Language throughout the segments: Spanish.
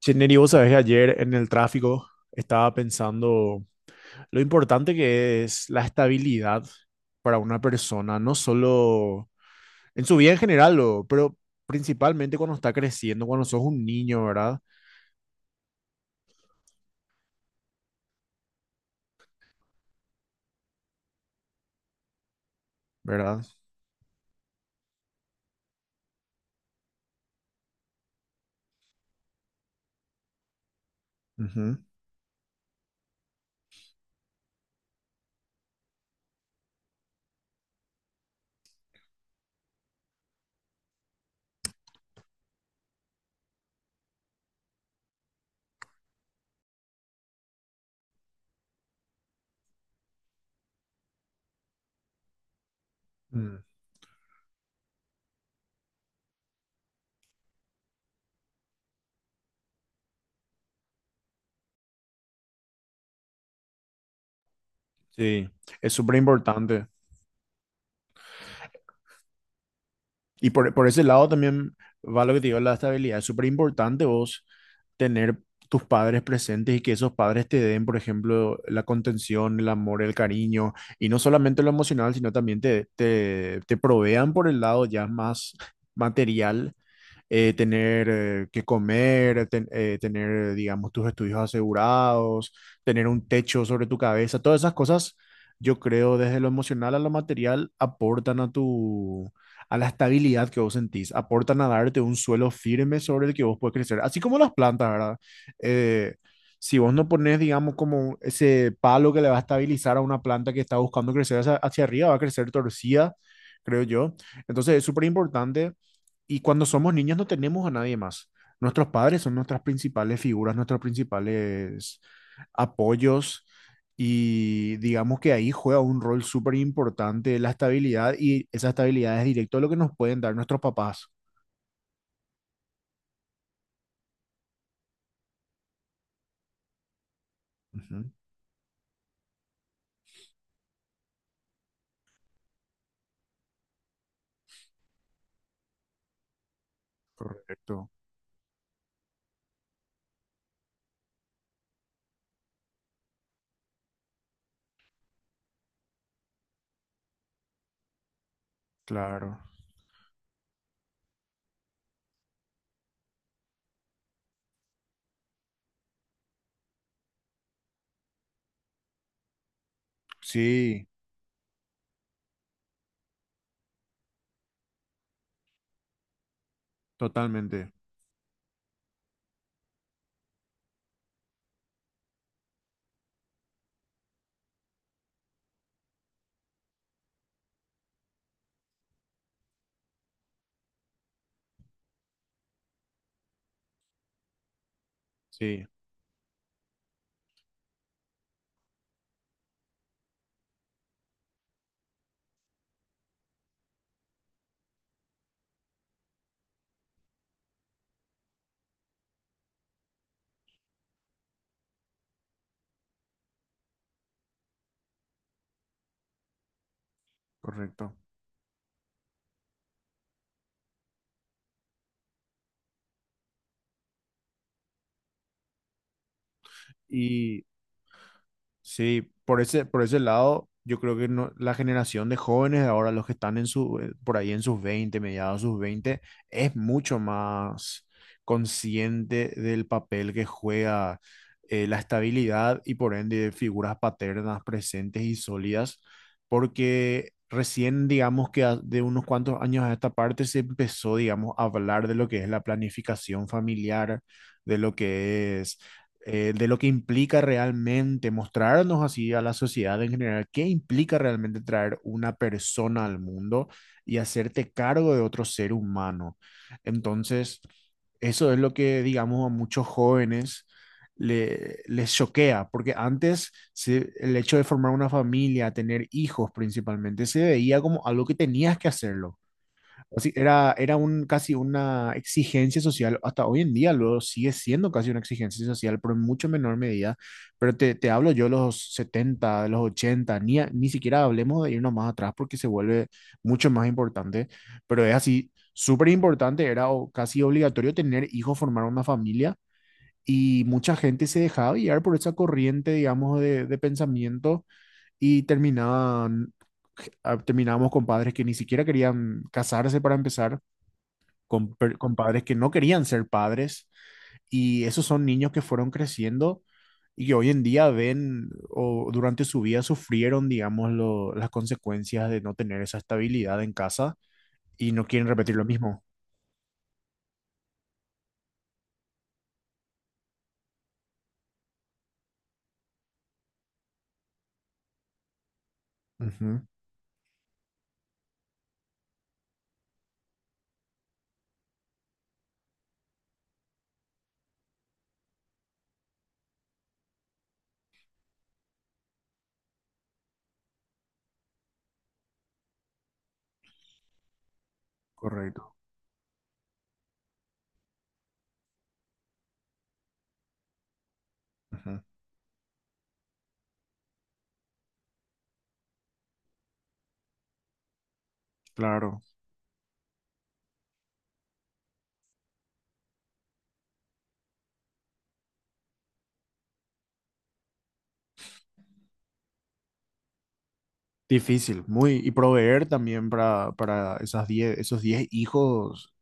Che, Neri, vos sabés que ayer en el tráfico estaba pensando lo importante que es la estabilidad para una persona, no solo en su vida en general, pero principalmente cuando está creciendo, cuando sos un niño, ¿verdad? ¿Verdad? Ujú. Mm. Sí, es súper importante. Y por ese lado también va lo que te digo, la estabilidad. Es súper importante vos tener tus padres presentes y que esos padres te den, por ejemplo, la contención, el amor, el cariño, y no solamente lo emocional, sino también te provean por el lado ya más material, tener, que comer, tener, digamos, tus estudios asegurados, tener un techo sobre tu cabeza, todas esas cosas, yo creo, desde lo emocional a lo material, aportan a a la estabilidad que vos sentís, aportan a darte un suelo firme sobre el que vos puedes crecer, así como las plantas, ¿verdad? Eh, si vos no pones, digamos, como ese palo que le va a estabilizar a una planta que está buscando crecer hacia arriba, va a crecer torcida, creo yo. Entonces es súper importante, y cuando somos niños no tenemos a nadie más. Nuestros padres son nuestras principales figuras, nuestros principales apoyos, y digamos que ahí juega un rol súper importante la estabilidad, y esa estabilidad es directo a lo que nos pueden dar nuestros papás. Ujú. Correcto. Claro. Sí, totalmente. Sí, correcto. Sí, por ese lado, yo creo que la generación de jóvenes de ahora, los que están por ahí en sus 20, mediados de sus veinte, es mucho más consciente del papel que juega, la estabilidad y por ende figuras paternas presentes y sólidas, porque recién, digamos que de unos cuantos años a esta parte se empezó, digamos, a hablar de lo que es la planificación familiar, de lo que es de lo que implica realmente mostrarnos así a la sociedad en general, qué implica realmente traer una persona al mundo y hacerte cargo de otro ser humano. Entonces, eso es lo que, digamos, a muchos jóvenes les choquea, porque antes el hecho de formar una familia, tener hijos principalmente, se veía como algo que tenías que hacerlo. Así, casi una exigencia social, hasta hoy en día lo sigue siendo casi una exigencia social, pero en mucho menor medida. Pero te hablo yo de los setenta, de los ochenta; ni siquiera hablemos de irnos más atrás porque se vuelve mucho más importante. Pero es así, súper importante, era casi obligatorio tener hijos, formar una familia, y mucha gente se dejaba guiar por esa corriente, digamos, de, pensamiento, y terminábamos con padres que ni siquiera querían casarse para empezar, con padres que no querían ser padres, y esos son niños que fueron creciendo y que hoy en día ven o durante su vida sufrieron, digamos, las consecuencias de no tener esa estabilidad en casa, y no quieren repetir lo mismo. Ujú. Correcto. Ujú. Claro. Difícil, muy. Y proveer también para esas 10, esos 10 hijos,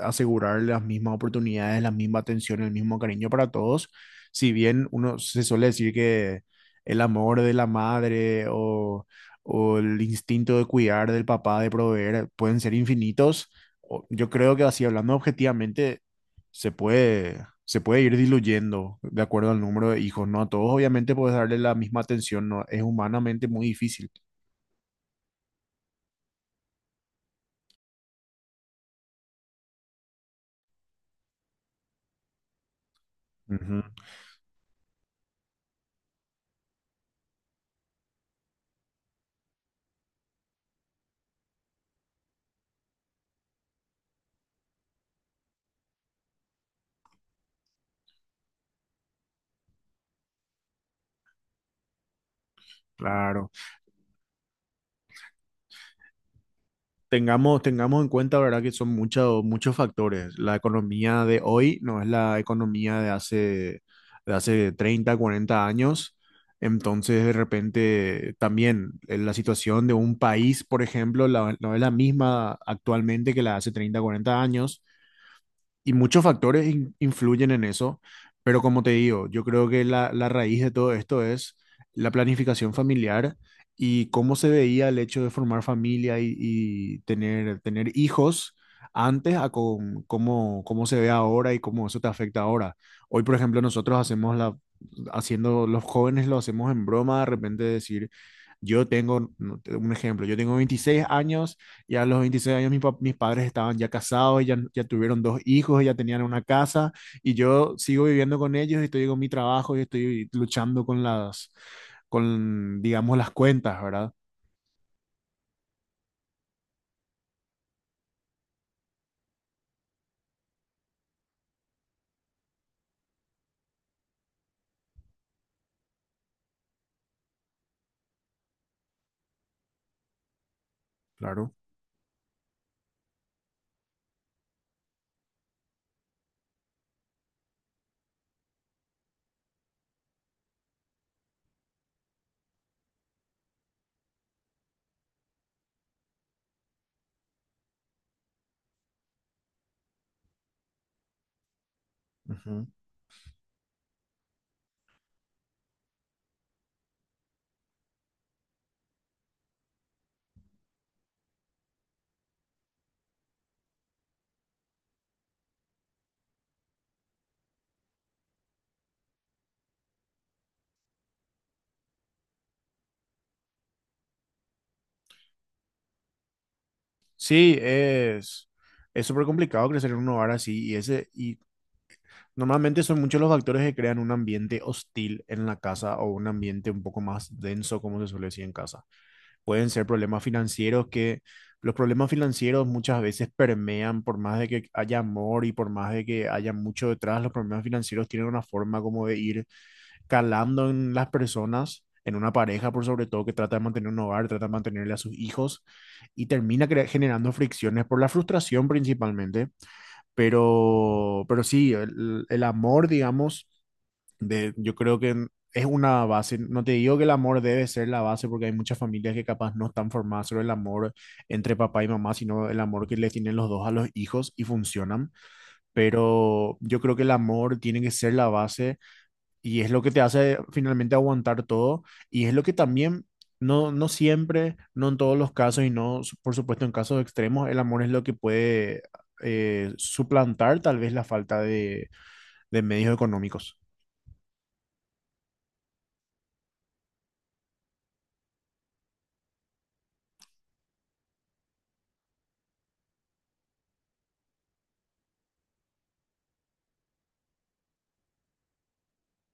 asegurar las mismas oportunidades, la misma atención, el mismo cariño para todos. Si bien uno se suele decir que el amor de la madre, o el instinto de cuidar del papá, de proveer, pueden ser infinitos, yo creo que, así hablando objetivamente, se puede ir diluyendo de acuerdo al número de hijos, ¿no? A todos obviamente puedes darle la misma atención, ¿no? Es humanamente muy difícil. Ujú. Claro. Tengamos en cuenta, ¿verdad?, que son muchos, muchos factores. La economía de hoy no es la economía de hace 30 40 años. Entonces, de repente, también, la situación de un país, por ejemplo, no es la misma actualmente que la de hace 30 40 años, y muchos factores influyen en eso, pero como te digo, yo creo que la raíz de todo esto es la planificación familiar y cómo se veía el hecho de formar familia, y tener hijos antes, cómo se ve ahora y cómo eso te afecta ahora. Hoy, por ejemplo, nosotros los jóvenes lo hacemos en broma, de repente decir. No, un ejemplo. Yo tengo 26 años; ya a los 26 años mis padres estaban ya casados, ya tuvieron dos hijos, ya tenían una casa, y yo sigo viviendo con ellos y estoy con mi trabajo y estoy luchando con, digamos, las cuentas, ¿verdad? Claro. Ujú. Sí, es súper complicado crecer en un hogar así, y normalmente son muchos los factores que crean un ambiente hostil en la casa, o un ambiente un poco más denso, como se suele decir en casa. Pueden ser problemas financieros que los problemas financieros muchas veces permean, por más de que haya amor y por más de que haya mucho detrás; los problemas financieros tienen una forma como de ir calando en las personas, en una pareja por sobre todo, que trata de mantener un hogar, trata de mantenerle a sus hijos, y termina generando fricciones por la frustración principalmente, pero sí, el amor, digamos, yo creo que es una base. No te digo que el amor debe ser la base, porque hay muchas familias que capaz no están formadas sobre el amor entre papá y mamá, sino el amor que le tienen los dos a los hijos, y funcionan. Pero yo creo que el amor tiene que ser la base, y es lo que te hace finalmente aguantar todo, y es lo que también. No, no siempre, no en todos los casos, y no, por supuesto, en casos extremos, el amor es lo que puede, suplantar tal vez la falta de medios económicos.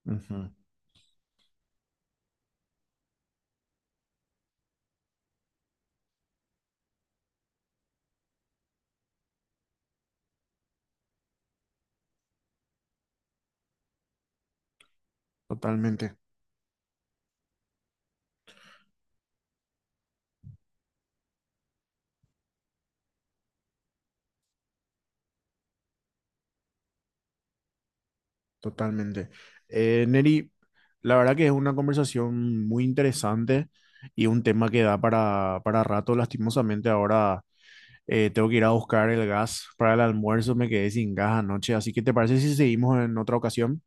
Ujú. Totalmente. Totalmente. Neri, la verdad que es una conversación muy interesante y un tema que da para rato. Lastimosamente, ahora tengo que ir a buscar el gas para el almuerzo; me quedé sin gas anoche, así que ¿te parece si seguimos en otra ocasión?